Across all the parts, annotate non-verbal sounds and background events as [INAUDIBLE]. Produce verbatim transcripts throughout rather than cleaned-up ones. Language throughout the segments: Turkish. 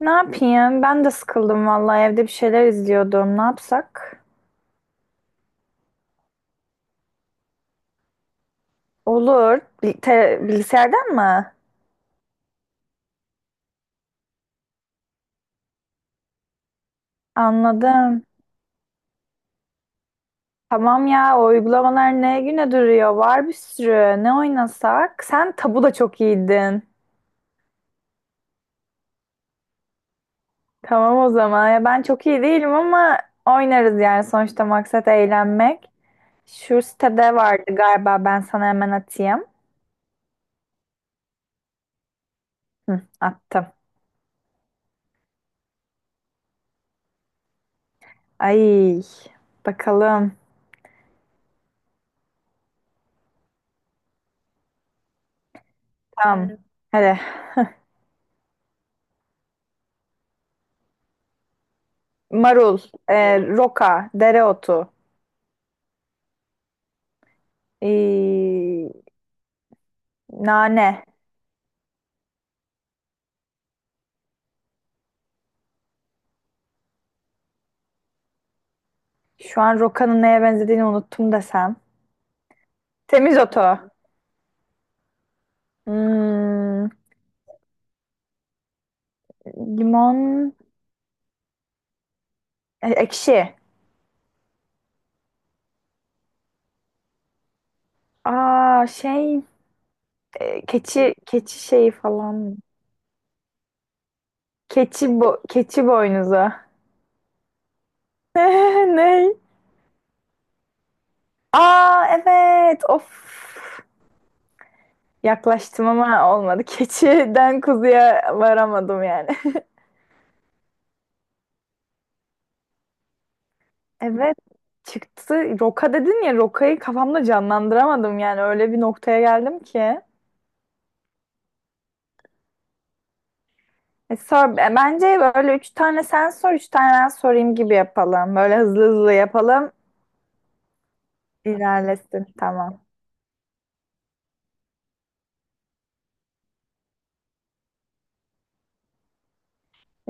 Ne yapayım? Ben de sıkıldım vallahi evde bir şeyler izliyordum. Ne yapsak? Olur. Bil- te- bilgisayardan mı? Anladım. Tamam ya, o uygulamalar ne güne duruyor? Var bir sürü. Ne oynasak? Sen tabu da çok iyiydin. Tamam o zaman. Ya ben çok iyi değilim ama oynarız, yani sonuçta maksat eğlenmek. Şu sitede vardı galiba, ben sana hemen atayım. Hı, attım. Ay, bakalım. Tamam. Hadi. [LAUGHS] Marul, e, roka, dereotu, ee, nane. Şu an rokanın neye benzediğini unuttum desem. Temizotu. Hmm, limon, e, ekşi. Aa şey, e, keçi keçi şeyi falan. Keçi bo keçi boynuzu. [LAUGHS] Ne? Aa evet. Of. Yaklaştım ama olmadı. [LAUGHS] Keçiden kuzuya varamadım yani. Evet, çıktı. Roka dedin ya, Roka'yı kafamda canlandıramadım, yani öyle bir noktaya geldim ki. E, sor, e, bence böyle üç tane sen sor, üç tane ben sorayım gibi yapalım. Böyle hızlı hızlı yapalım ilerlesin, tamam.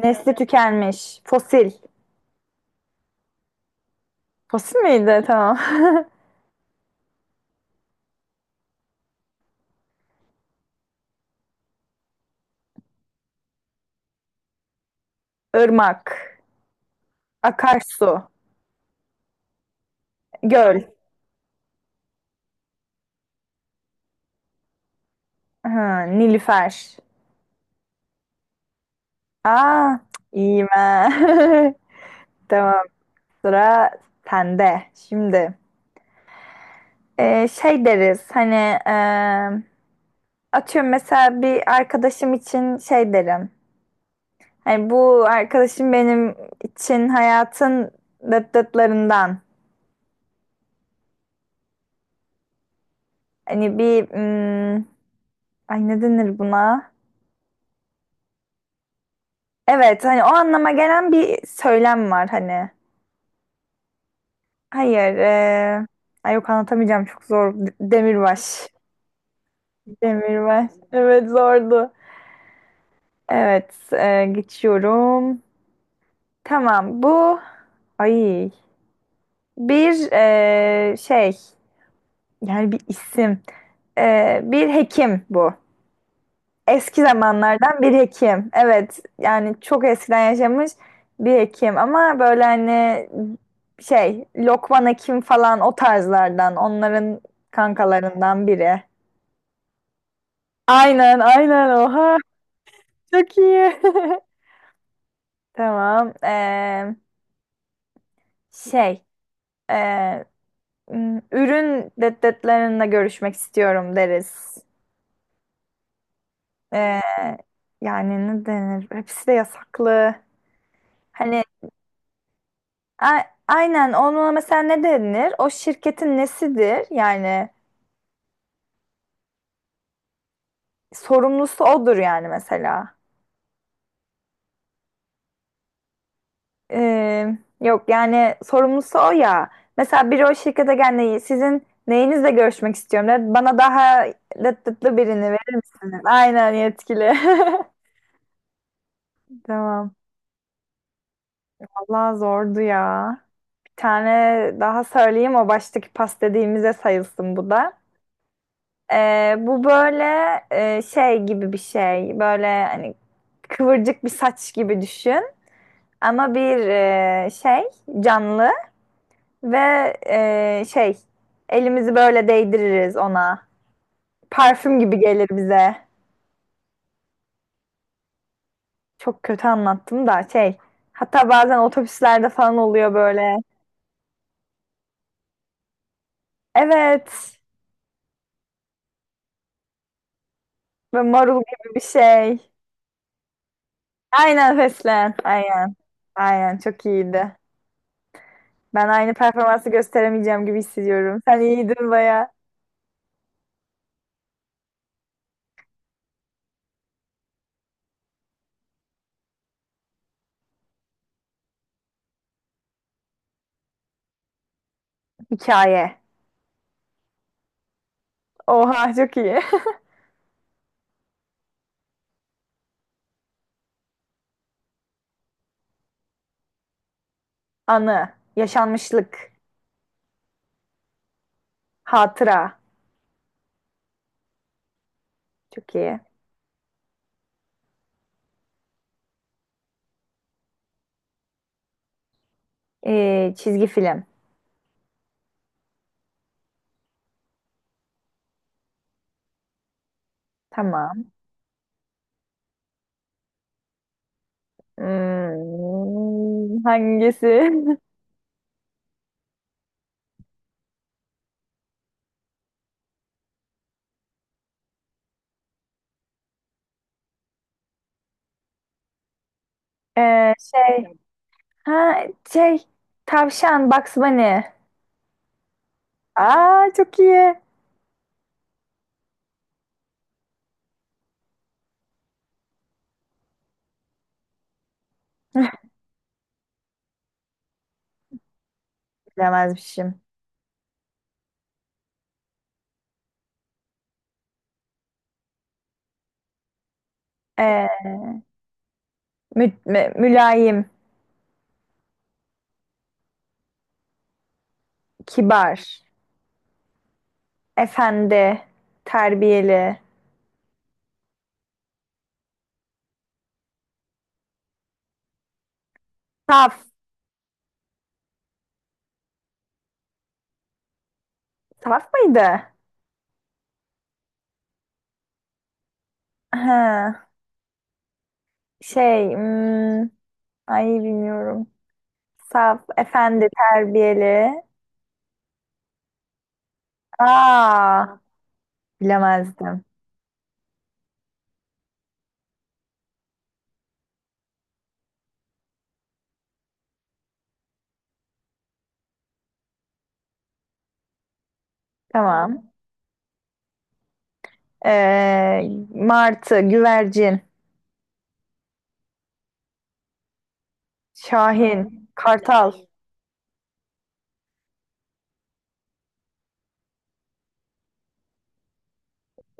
Nesli tükenmiş. Fosil. Fosil miydi? Tamam. [LAUGHS] Irmak. Akarsu. Göl. Ha, Nilüfer. Aa, iyiyim ha. [LAUGHS] Tamam, sıra sende. Şimdi. E, şey deriz hani, e, atıyorum, mesela bir arkadaşım için şey derim. Hani bu arkadaşım benim için hayatın dıt dıtlarından. Hani bir hmm, ay, ne denir buna? Evet, hani o anlama gelen bir söylem var hani. Hayır e, ay yok, anlatamayacağım, çok zor. D- Demirbaş. Demirbaş. Evet, zordu. Evet e, geçiyorum. Tamam bu. Ay. Bir e, şey, yani bir isim. E, bir hekim bu, eski zamanlardan bir hekim, evet, yani çok eskiden yaşamış bir hekim ama böyle hani şey, Lokman Hekim falan, o tarzlardan, onların kankalarından biri. Aynen aynen, oha çok iyi. [LAUGHS] Tamam. E, şey, e, ürün deddetlerinde görüşmek istiyorum deriz. Ee, yani ne denir? Hepsi de yasaklı. Hani a- aynen, ona mesela ne denir? O şirketin nesidir yani? Sorumlusu odur yani mesela. Ee, yok yani, sorumlusu o ya. Mesela biri o şirkete gelmeyi, sizin neyinizle görüşmek istiyorum der. Bana daha lıt lıtlı birini verir misiniz? Aynen, yetkili. [LAUGHS] Tamam. Allah zordu ya. Bir tane daha söyleyeyim, o baştaki pas dediğimize sayılsın bu da. Ee, bu böyle e, şey gibi bir şey. Böyle hani kıvırcık bir saç gibi düşün. Ama bir e, şey canlı ve e, şey, elimizi böyle değdiririz ona. Parfüm gibi gelir bize. Çok kötü anlattım da şey. Hatta bazen otobüslerde falan oluyor böyle. Evet. Böyle marul gibi bir şey. Aynen, fesleğen. Aynen. Aynen, çok iyiydi. Ben aynı performansı gösteremeyeceğim gibi hissediyorum. Sen iyiydin baya. Hikaye. Oha, çok iyi. [LAUGHS] Anı. Yaşanmışlık. Hatıra. Çok iyi. Ee, çizgi film. Tamam. Hmm, hangisi? [LAUGHS] Ee, şey. Ha, şey. Tavşan. Bugs Bunny. Aa, çok iyi. Bilemezmişim. Ee, mü- mü- mülayim. Kibar. Efendi. Terbiyeli. Saf. Saf mıydı? Ha, şey. Hmm, ay, bilmiyorum. Saf, efendi, terbiyeli. Aa, bilemezdim. Tamam. Ee, martı, güvercin, şahin, kartal,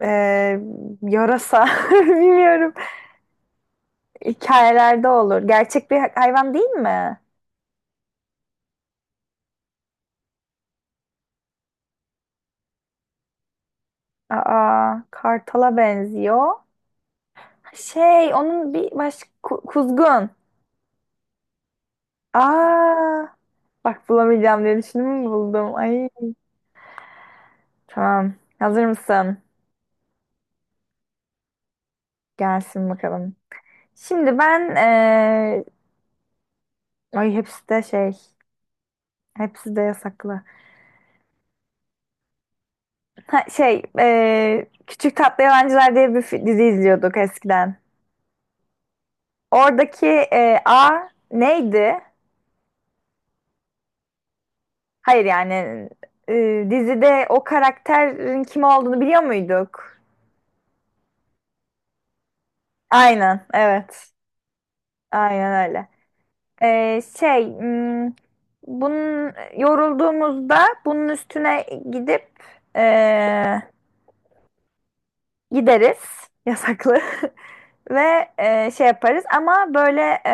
ee, yarasa. [LAUGHS] Bilmiyorum. Hikayelerde olur. Gerçek bir hayvan değil mi? Aa, kartala benziyor. Şey, onun bir başka ku- kuzgun. Aa, bak, bulamayacağım diye düşündüm, buldum. Ay, tamam. Hazır mısın? Gelsin bakalım. Şimdi ben eee, ay, hepsi de şey, hepsi de yasaklı. Ha, şey, eee, Küçük Tatlı Yalancılar diye bir fi- dizi izliyorduk eskiden. Oradaki eee, A neydi? Hayır yani, eee, dizide o karakterin kim olduğunu biliyor muyduk? Aynen, evet. Aynen öyle. Eee, şey, hmm, bunun yorulduğumuzda bunun üstüne gidip gideriz yasaklı [LAUGHS] ve e, şey yaparız ama böyle e,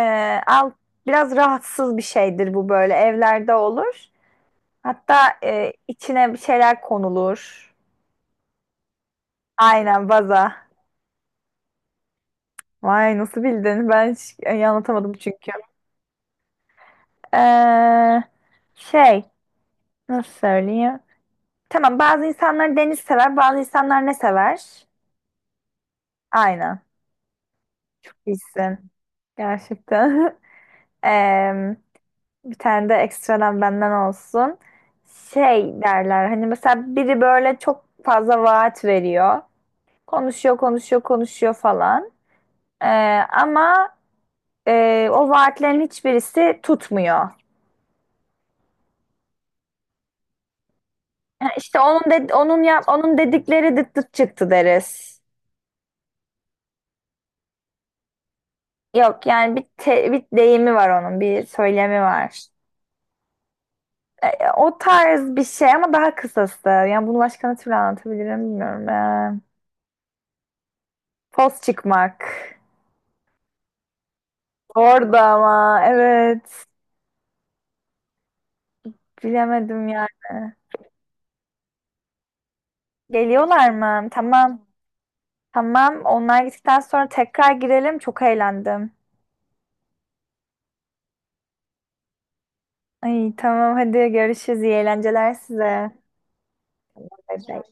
al, biraz rahatsız bir şeydir bu, böyle evlerde olur. Hatta e, içine bir şeyler konulur. Aynen, vaza. Vay, nasıl bildin? Ben hiç e, anlatamadım çünkü. Ee, şey, nasıl söyleyeyim? Tamam, bazı insanlar deniz sever, bazı insanlar ne sever? Aynen. Çok iyisin. Gerçekten. [LAUGHS] Em, bir tane de ekstradan benden olsun. Şey derler hani, mesela biri böyle çok fazla vaat veriyor. Konuşuyor, konuşuyor, konuşuyor falan. Ee, ama e, o vaatlerin hiçbirisi tutmuyor. Yani İşte onun de, onun yap onun dedikleri dıt dıt çıktı deriz. Yok yani, bir, te- bir deyimi var onun, bir söylemi var. Ee, o tarz bir şey ama daha kısası. Yani bunu başka ne türlü anlatabilirim bilmiyorum. Ee, poz çıkmak. Orada ama evet. Bilemedim yani. Geliyorlar mı? Tamam. Tamam. Onlar gittikten sonra tekrar girelim. Çok eğlendim. Ay tamam, hadi görüşürüz. İyi eğlenceler size. Bay bay.